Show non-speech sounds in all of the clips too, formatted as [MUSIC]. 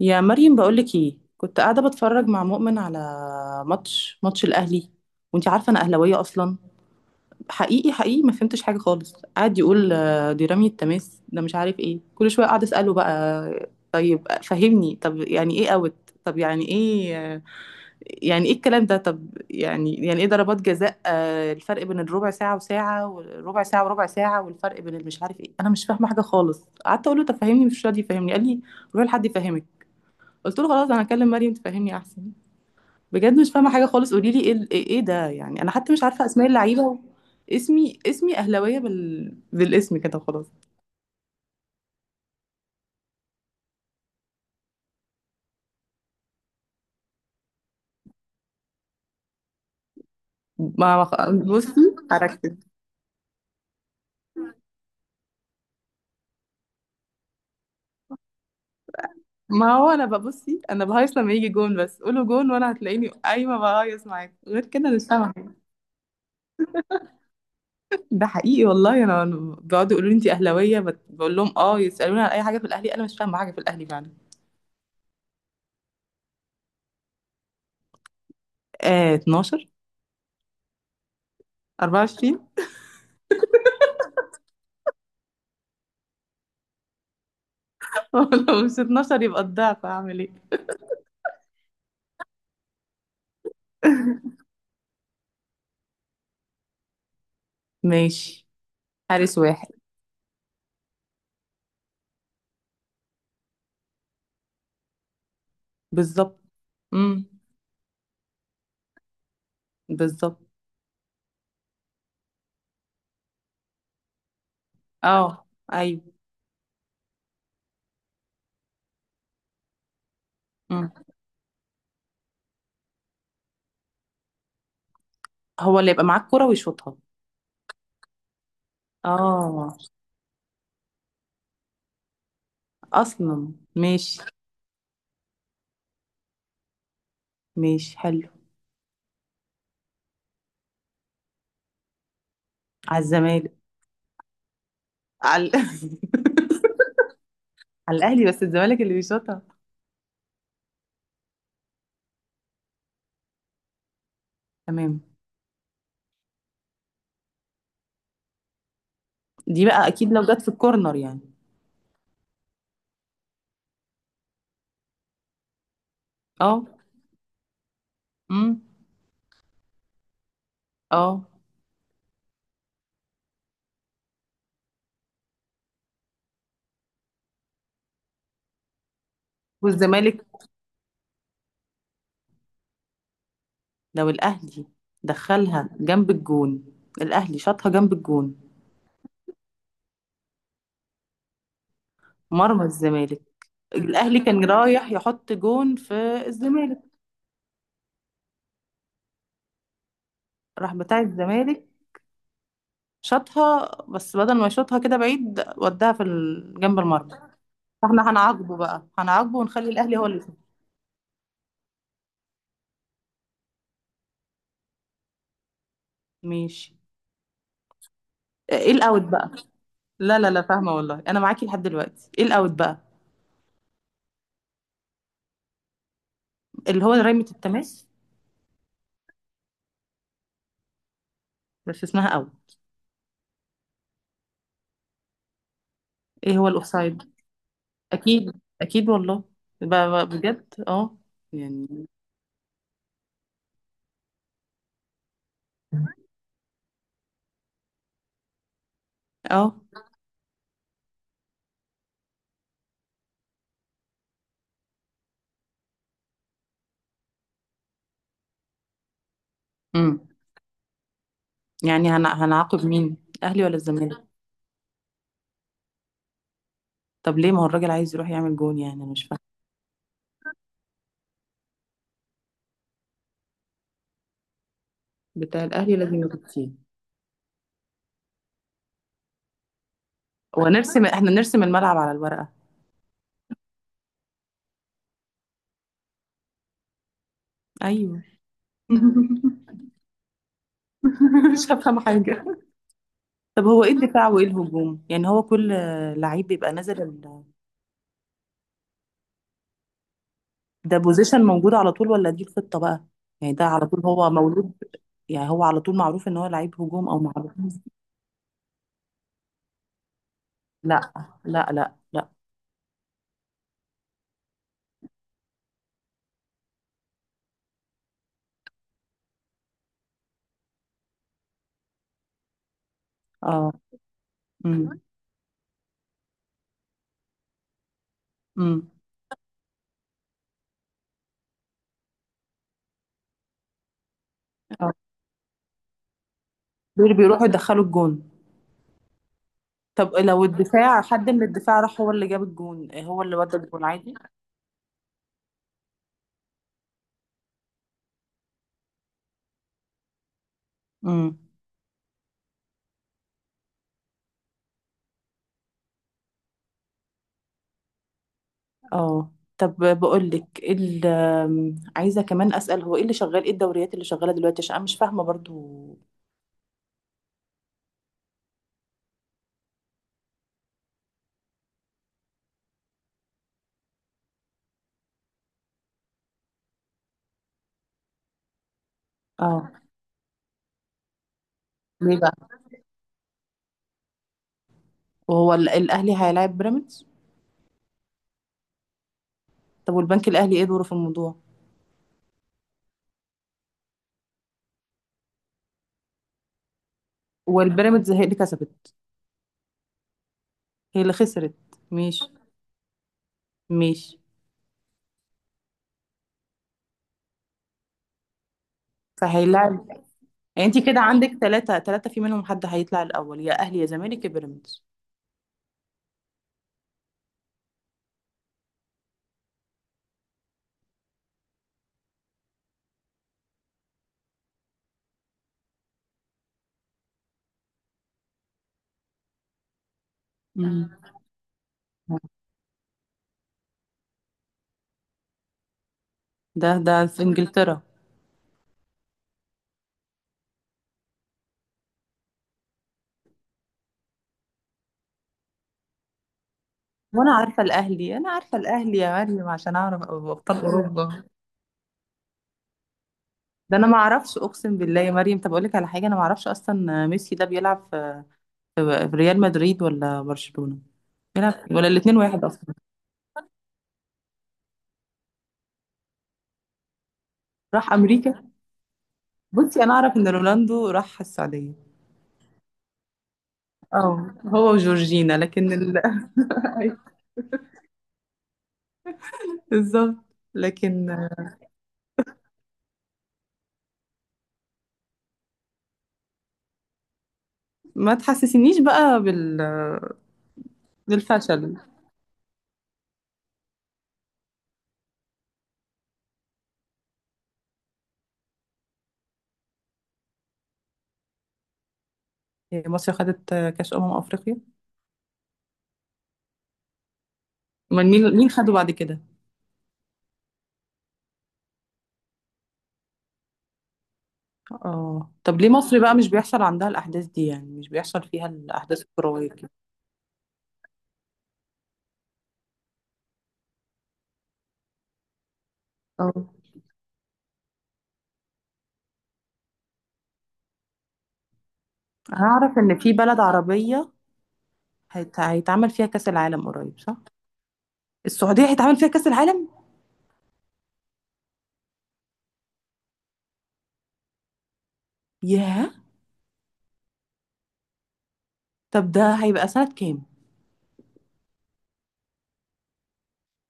يا مريم، بقولك ايه، كنت قاعده بتفرج مع مؤمن على ماتش الاهلي، وانتي عارفه انا اهلاويه اصلا. حقيقي حقيقي ما فهمتش حاجه خالص، قاعد يقول دي رمية تماس، ده مش عارف ايه، كل شويه قاعد اساله بقى طيب فهمني، طب يعني ايه اوت، طب يعني ايه يعني ايه الكلام ده، طب يعني ايه ضربات جزاء، الفرق بين الربع ساعه وساعه وربع ساعه والفرق بين المش عارف ايه، انا مش فاهمه حاجه خالص. قعدت اقول له طب فهمني، مش راضي يفهمني، قال لي روح لحد يفهمك. قلت له خلاص انا هكلم مريم تفهمني احسن. بجد مش فاهمه حاجه خالص، قولي لي ايه إيه ده يعني، انا حتى مش عارفه اسماء اللعيبه. اسمي اهلاويه بالاسم كده خلاص. ما ما خ- بصي هركز. ما هو انا ببصي، انا بهيص لما يجي جون، بس قولوا جون وانا هتلاقيني قايمه بهيص معاك، غير كده مش فاهمه حاجة. ده حقيقي والله، انا بيقعدوا يقولوا لي انت اهلاويه، بقول لهم اه، يسالوني على اي حاجه في الاهلي انا مش فاهمه حاجه في الاهلي فعلا. آه، 12. 24. [LAUGHS] لو مش 12 يبقى الضعف، هعمل ايه؟ [LAUGHS] ماشي. حارس واحد. بالظبط. امم. بالظبط. اه. ايوه. مم. هو اللي يبقى معاك كرة ويشوطها. اه، اصلا ماشي. ماشي حلو. على الزمالك. على [LAUGHS] على الاهلي بس الزمالك اللي بيشوطها. تمام. دي بقى اكيد لو جت في الكورنر يعني. اه. امم. اه. والزمالك. لو الاهلي دخلها جنب الجون، الاهلي شاطها جنب الجون. مرمى الزمالك. الاهلي كان رايح يحط جون في الزمالك. راح بتاع الزمالك. شاطها، بس بدل ما يشوطها كده بعيد وداها في جنب المرمى. فاحنا هنعاقبه بقى، هنعاقبه ونخلي الاهلي هو اللي يشوط. ماشي. ايه الاوت بقى؟ لا لا لا فاهمه والله، انا معاكي لحد دلوقتي. ايه الاوت بقى؟ اللي هو رمية التماس. بس اسمها اوت. ايه هو الاوفسايد؟ اكيد. اكيد والله. بقى بجد اه. يعني اه. امم. يعني هنعاقب مين، الاهلي ولا الزمالك؟ طب ليه؟ ما هو الراجل عايز يروح يعمل جون، يعني انا مش فاهمه. بتاع الاهلي لازم يغطيه. ونرسم، إحنا نرسم الملعب على الورقة. أيوه. [LAUGHS] مش هافهمه حاجة. طب هو إيه الدفاع وإيه الهجوم؟ يعني هو كل لعيب بيبقى نازل ال... ده position موجود على طول والّا دي الخطة بقى؟ يعني ده على طول هو مولود، يعني هو على طول معروف إن هو لعيب هجوم أو معروف. لأ، لأ، لأ، لأ، آه، إمم، إمم، آه، دول اللي بيروحوا يدخّلوا الجون. طب لو الدفاع، حد من الدفاع راح هو اللي جاب الجون، هو اللي ودّى الجون عادي؟ إمم. اه. طب بقول لك ايه، ال آم، عايزه كمان اسال هو ايه اللي شغال، ايه الدوريات اللي شغاله دلوقتي عشان انا مش فاهمه برضو. اه. ليه بقى؟ وهو الاهلي هيلاعب بيراميدز؟ طب والبنك الاهلي ايه دوره في الموضوع؟ والبيراميدز هي اللي كسبت؟ هي اللي خسرت؟ مش مش فهيلاعب. يعني انت كده عندك ثلاثة، ثلاثة في منهم حد هيطلع الاول، يا اهلي يا زمالك يا بيراميدز. مم. ده في انجلترا. وانا عارفه الاهلي، انا عارفه الاهلي يا مريم عشان اعرف ابقى ابطال اوروبا. ده انا ما اعرفش، اقسم بالله يا مريم. طب اقول لك على حاجه، انا ما اعرفش اصلا ميسي ده بيلعب في ريال مدريد ولا برشلونه. ولا الاثنين واحد اصلا؟ راح امريكا. بصي انا اعرف ان رونالدو راح السعوديه. اه، هو وجورجينا. [LAUGHS] بالظبط. لكن ما تحسسنيش بقى بالفشل. مصر خدت كاس افريقيا؟ من مين؟ مين خده بعد كده؟ اه طب ليه مصر بقى مش بيحصل عندها الاحداث دي، يعني مش بيحصل فيها الاحداث الكرويه؟ كده هعرف ان في بلد عربية هيتعمل فيها كأس العالم قريب صح؟ السعودية هيتعمل فيها كأس العالم؟ ياه. طب ده هيبقى سنة كام؟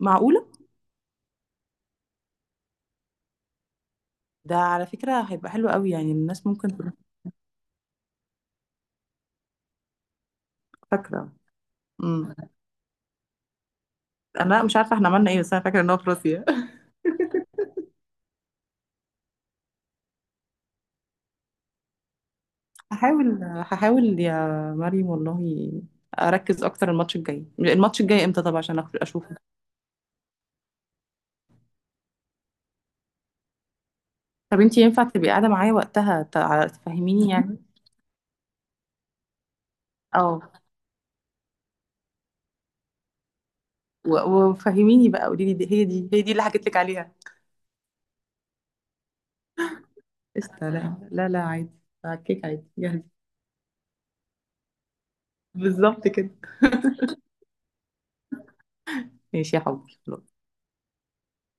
معقولة؟ ده على فكرة هيبقى حلو قوي، يعني الناس ممكن تبقى فاكرة. امم. انا مش عارفة احنا عملنا ايه، بس انا فاكرة ان هو في روسيا. [LAUGHS] هحاول يا مريم والله اركز اكتر. الماتش الجاي امتى طب عشان اشوفه؟ طب انتي ينفع تبقي قاعدة معايا وقتها تفهميني يعني؟ [LAUGHS] اه. وفهميني بقى، قولي لي دي- هي دي هي دي اللي حكيت لك عليها. قشطة. لا [LAUGHS] لا لا عادي، على الكيك عادي جاهزة. بالظبط كده. ماشي يا حبيبي.